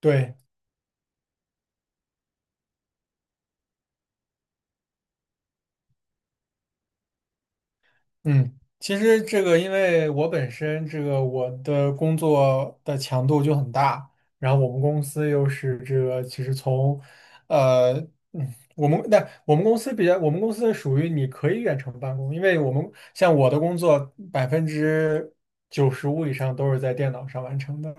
对，嗯，其实这个，因为我本身这个我的工作的强度就很大。然后我们公司又是这个，其实从，呃，嗯，我们那我们公司属于你可以远程办公。因为我们像我的工作百分之九十五以上都是在电脑上完成的，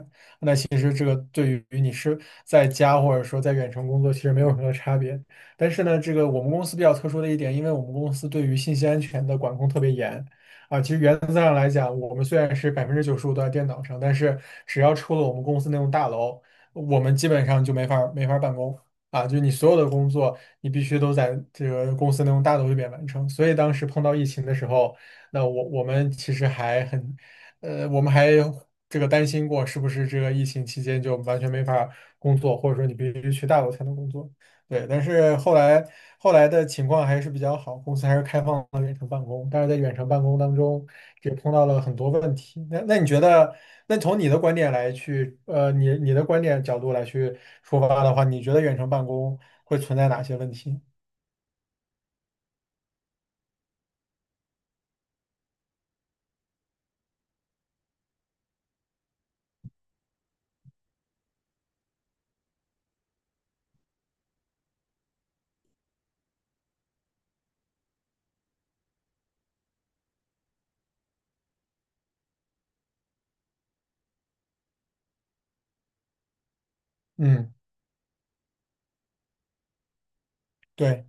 其实这个对于你是在家或者说在远程工作，其实没有什么差别。但是呢，这个我们公司比较特殊的一点，因为我们公司对于信息安全的管控特别严啊。其实原则上来讲，我们虽然是百分之九十五都在电脑上，但是只要出了我们公司那栋大楼，我们基本上就没法儿办公啊。就你所有的工作，你必须都在这个公司那栋大楼里边完成。所以当时碰到疫情的时候，那我们其实还很，我们还这个担心过，是不是这个疫情期间就完全没法工作，或者说你必须去大陆才能工作？对，但是后来的情况还是比较好，公司还是开放了远程办公，但是在远程办公当中也碰到了很多问题。那你觉得，那从你的观点来去，你的观点角度来去出发的话，你觉得远程办公会存在哪些问题？嗯，对。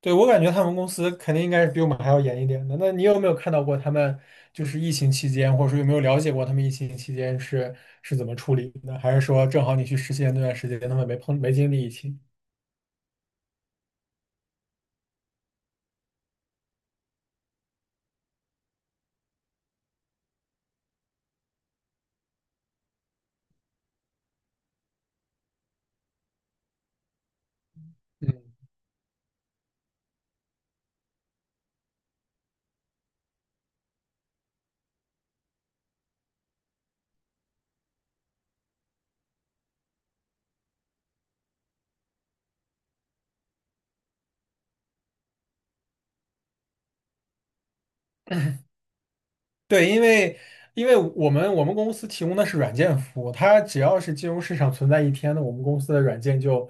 对，我感觉他们公司肯定应该是比我们还要严一点的。那你有没有看到过他们就是疫情期间，或者说有没有了解过他们疫情期间是怎么处理的？还是说正好你去实习那段时间，他们没碰没经历疫情？嗯对，因为我们公司提供的是软件服务，它只要是金融市场存在一天的，我们公司的软件就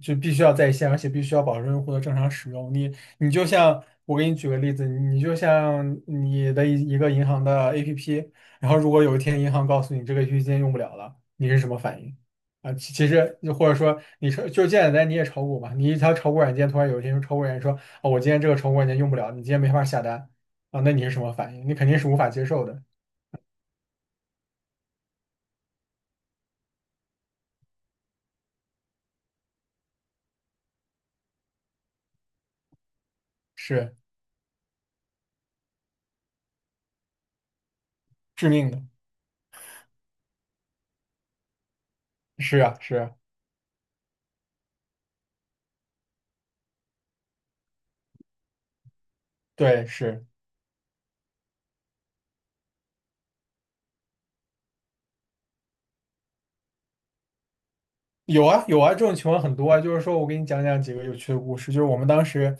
就必须要在线，而且必须要保证用户的正常使用。你就像我给你举个例子，你就像你的一个银行的 APP，然后如果有一天银行告诉你这个 APP 今天用不了了，你是什么反应？啊，其实或者说你说就是简单，你也炒股嘛，你一条炒股软件突然有一天用炒股软件说，哦，我今天这个炒股软件用不了，你今天没法下单。啊，那你是什么反应？你肯定是无法接受的，是致命的。是啊，是啊，对，是。有啊有啊，这种情况很多啊。就是说我给你讲讲几个有趣的故事。就是我们当时，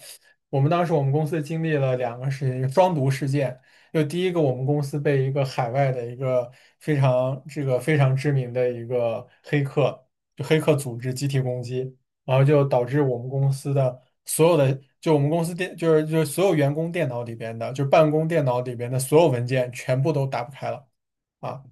我们当时我们公司经历了两个事情，一个双毒事件。就第一个，我们公司被一个海外的一个非常这个非常知名的一个黑客，就黑客组织集体攻击，然后就导致我们公司的所有的，就我们公司电，就是所有员工电脑里边的，就办公电脑里边的所有文件全部都打不开了。啊。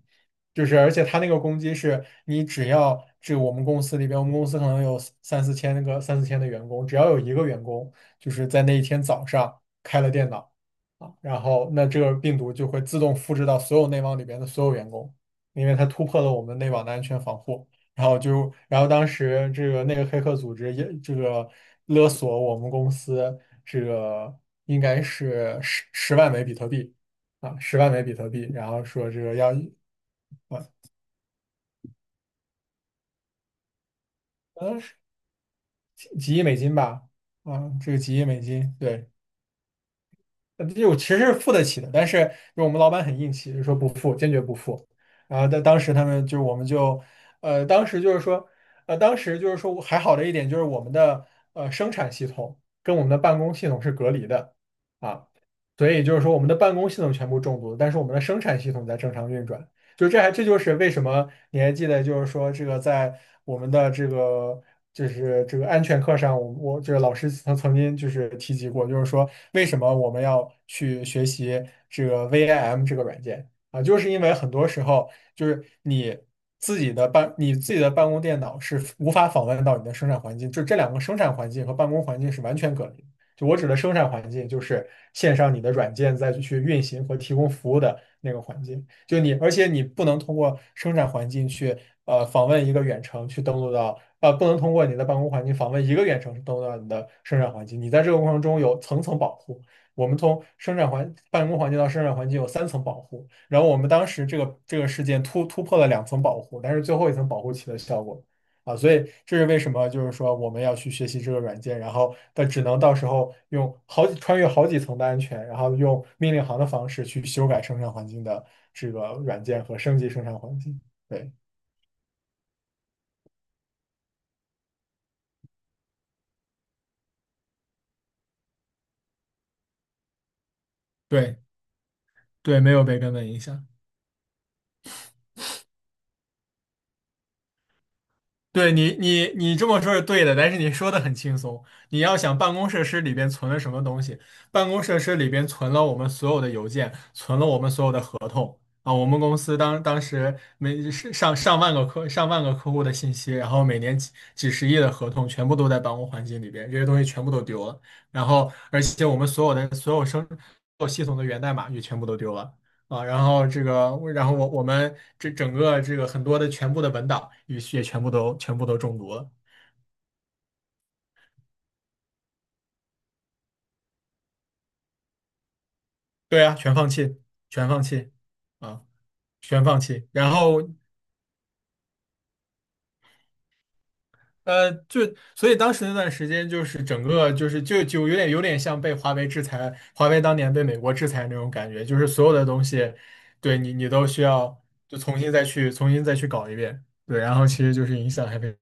就是而且他那个攻击是你只要这我们公司里边，我们公司可能有三四千的员工，只要有一个员工就是在那一天早上开了电脑啊，然后那这个病毒就会自动复制到所有内网里边的所有员工，因为它突破了我们内网的安全防护。然后就，然后当时这个那个黑客组织也这个勒索我们公司这个应该是十万枚比特币啊，十万枚比特币，然后说这个要。呃几亿美金吧，啊，这个几亿美金，对，这我其实是付得起的，但是就我们老板很硬气，就说不付。然后在当时他们就是我们就，当时就是说，当时就是说还好的一点就是我们的生产系统跟我们的办公系统是隔离的啊。所以就是说我们的办公系统全部中毒了，但是我们的生产系统在正常运转，就这还这就是为什么你还记得就是说这个在我们的这个。就是这个安全课上，我这个老师曾经就是提及过，就是说为什么我们要去学习这个 VIM 这个软件。啊，就是因为很多时候就是你自己的办你自己的办公电脑是无法访问到你的生产环境，就这两个生产环境和办公环境是完全隔离的，就我指的生产环境，就是线上你的软件再去运行和提供服务的那个环境。就你，而且你不能通过生产环境去访问一个远程去登录到，不能通过你的办公环境访问一个远程去登录到你的生产环境。你在这个过程中有层层保护。我们从生产环办公环境到生产环境有三层保护。然后我们当时这个这个事件突破了两层保护，但是最后一层保护起了效果啊。所以这是为什么就是说我们要去学习这个软件，然后但只能到时候用好几穿越好几层的安全，然后用命令行的方式去修改生产环境的这个软件和升级生产环境。对对对，没有被根本影响。对。你这么说是对的，但是你说的很轻松。你要想办公设施里边存了什么东西，办公设施里边存了我们所有的邮件，存了我们所有的合同啊。我们公司当时每是上万个客户的信息，然后每年几十亿的合同全部都在办公环境里边，这些东西全部都丢了。然后，而且我们所有的所有系统的源代码也全部都丢了。啊，然后这个，然后我们这整个这个很多的全部的文档也全部都中毒了。对啊，全放弃，全放弃，啊，全放弃。然后就所以当时那段时间就是整个就是有点像被华为制裁，华为当年被美国制裁那种感觉。就是所有的东西，对，你都需要就重新再去搞一遍。对，然后其实就是影响还被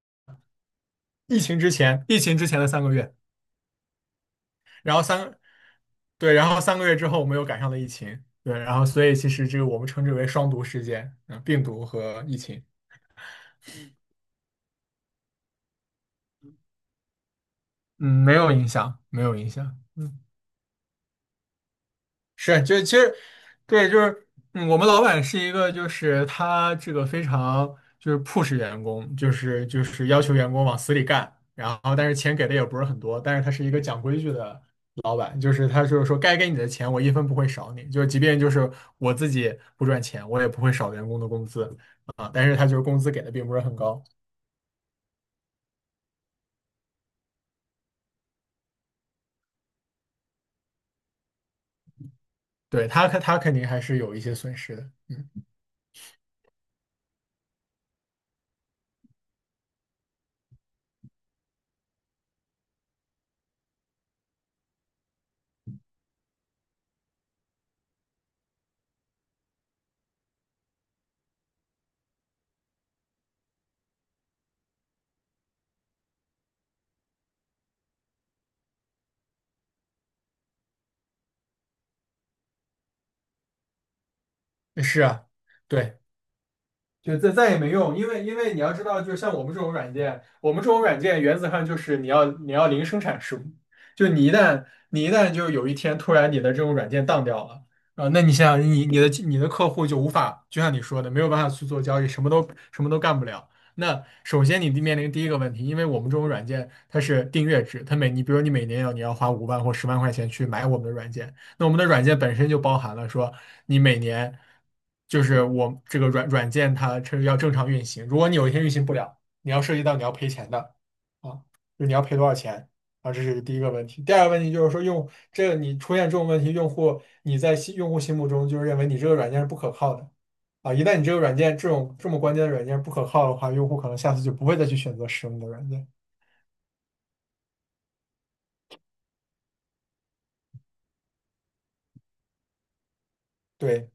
疫情之前，疫情之前的三个月。然后三，对，然后3个月之后我们又赶上了疫情。对，然后所以其实这个我们称之为双毒事件，病毒和疫情。嗯，没有影响，没有影响，是，就其实对，就是我们老板是一个，就是他这个非常就是 push 员工，就是要求员工往死里干，然后但是钱给的也不是很多，但是他是一个讲规矩的老板，就是他就是说该给你的钱我一分不会少你，就是即便就是我自己不赚钱，我也不会少员工的工资啊，但是他就是工资给的并不是很高，对，他肯定还是有一些损失的，是啊。对，就再也没用，因为你要知道，就是像我们这种软件，我们这种软件原则上就是你要零生产事就你一旦就有一天突然你的这种软件当掉了啊、那你想想你的客户就无法，就像你说的，没有办法去做交易，什么都干不了。那首先你面临第一个问题，因为我们这种软件它是订阅制，它每你比如你每年要你要花5万或10万块钱去买我们的软件，那我们的软件本身就包含了说，你每年就是我这个软件它这要正常运行，如果你有一天运行不了，你要涉及到你要赔钱的啊，就你要赔多少钱啊，这是第一个问题。第二个问题就是说用这个你出现这种问题，用户你在心用户心目中就是认为你这个软件是不可靠的啊，一旦你这个软件这种这么关键的软件不可靠的话，用户可能下次就不会再去选择使用你的软件。对。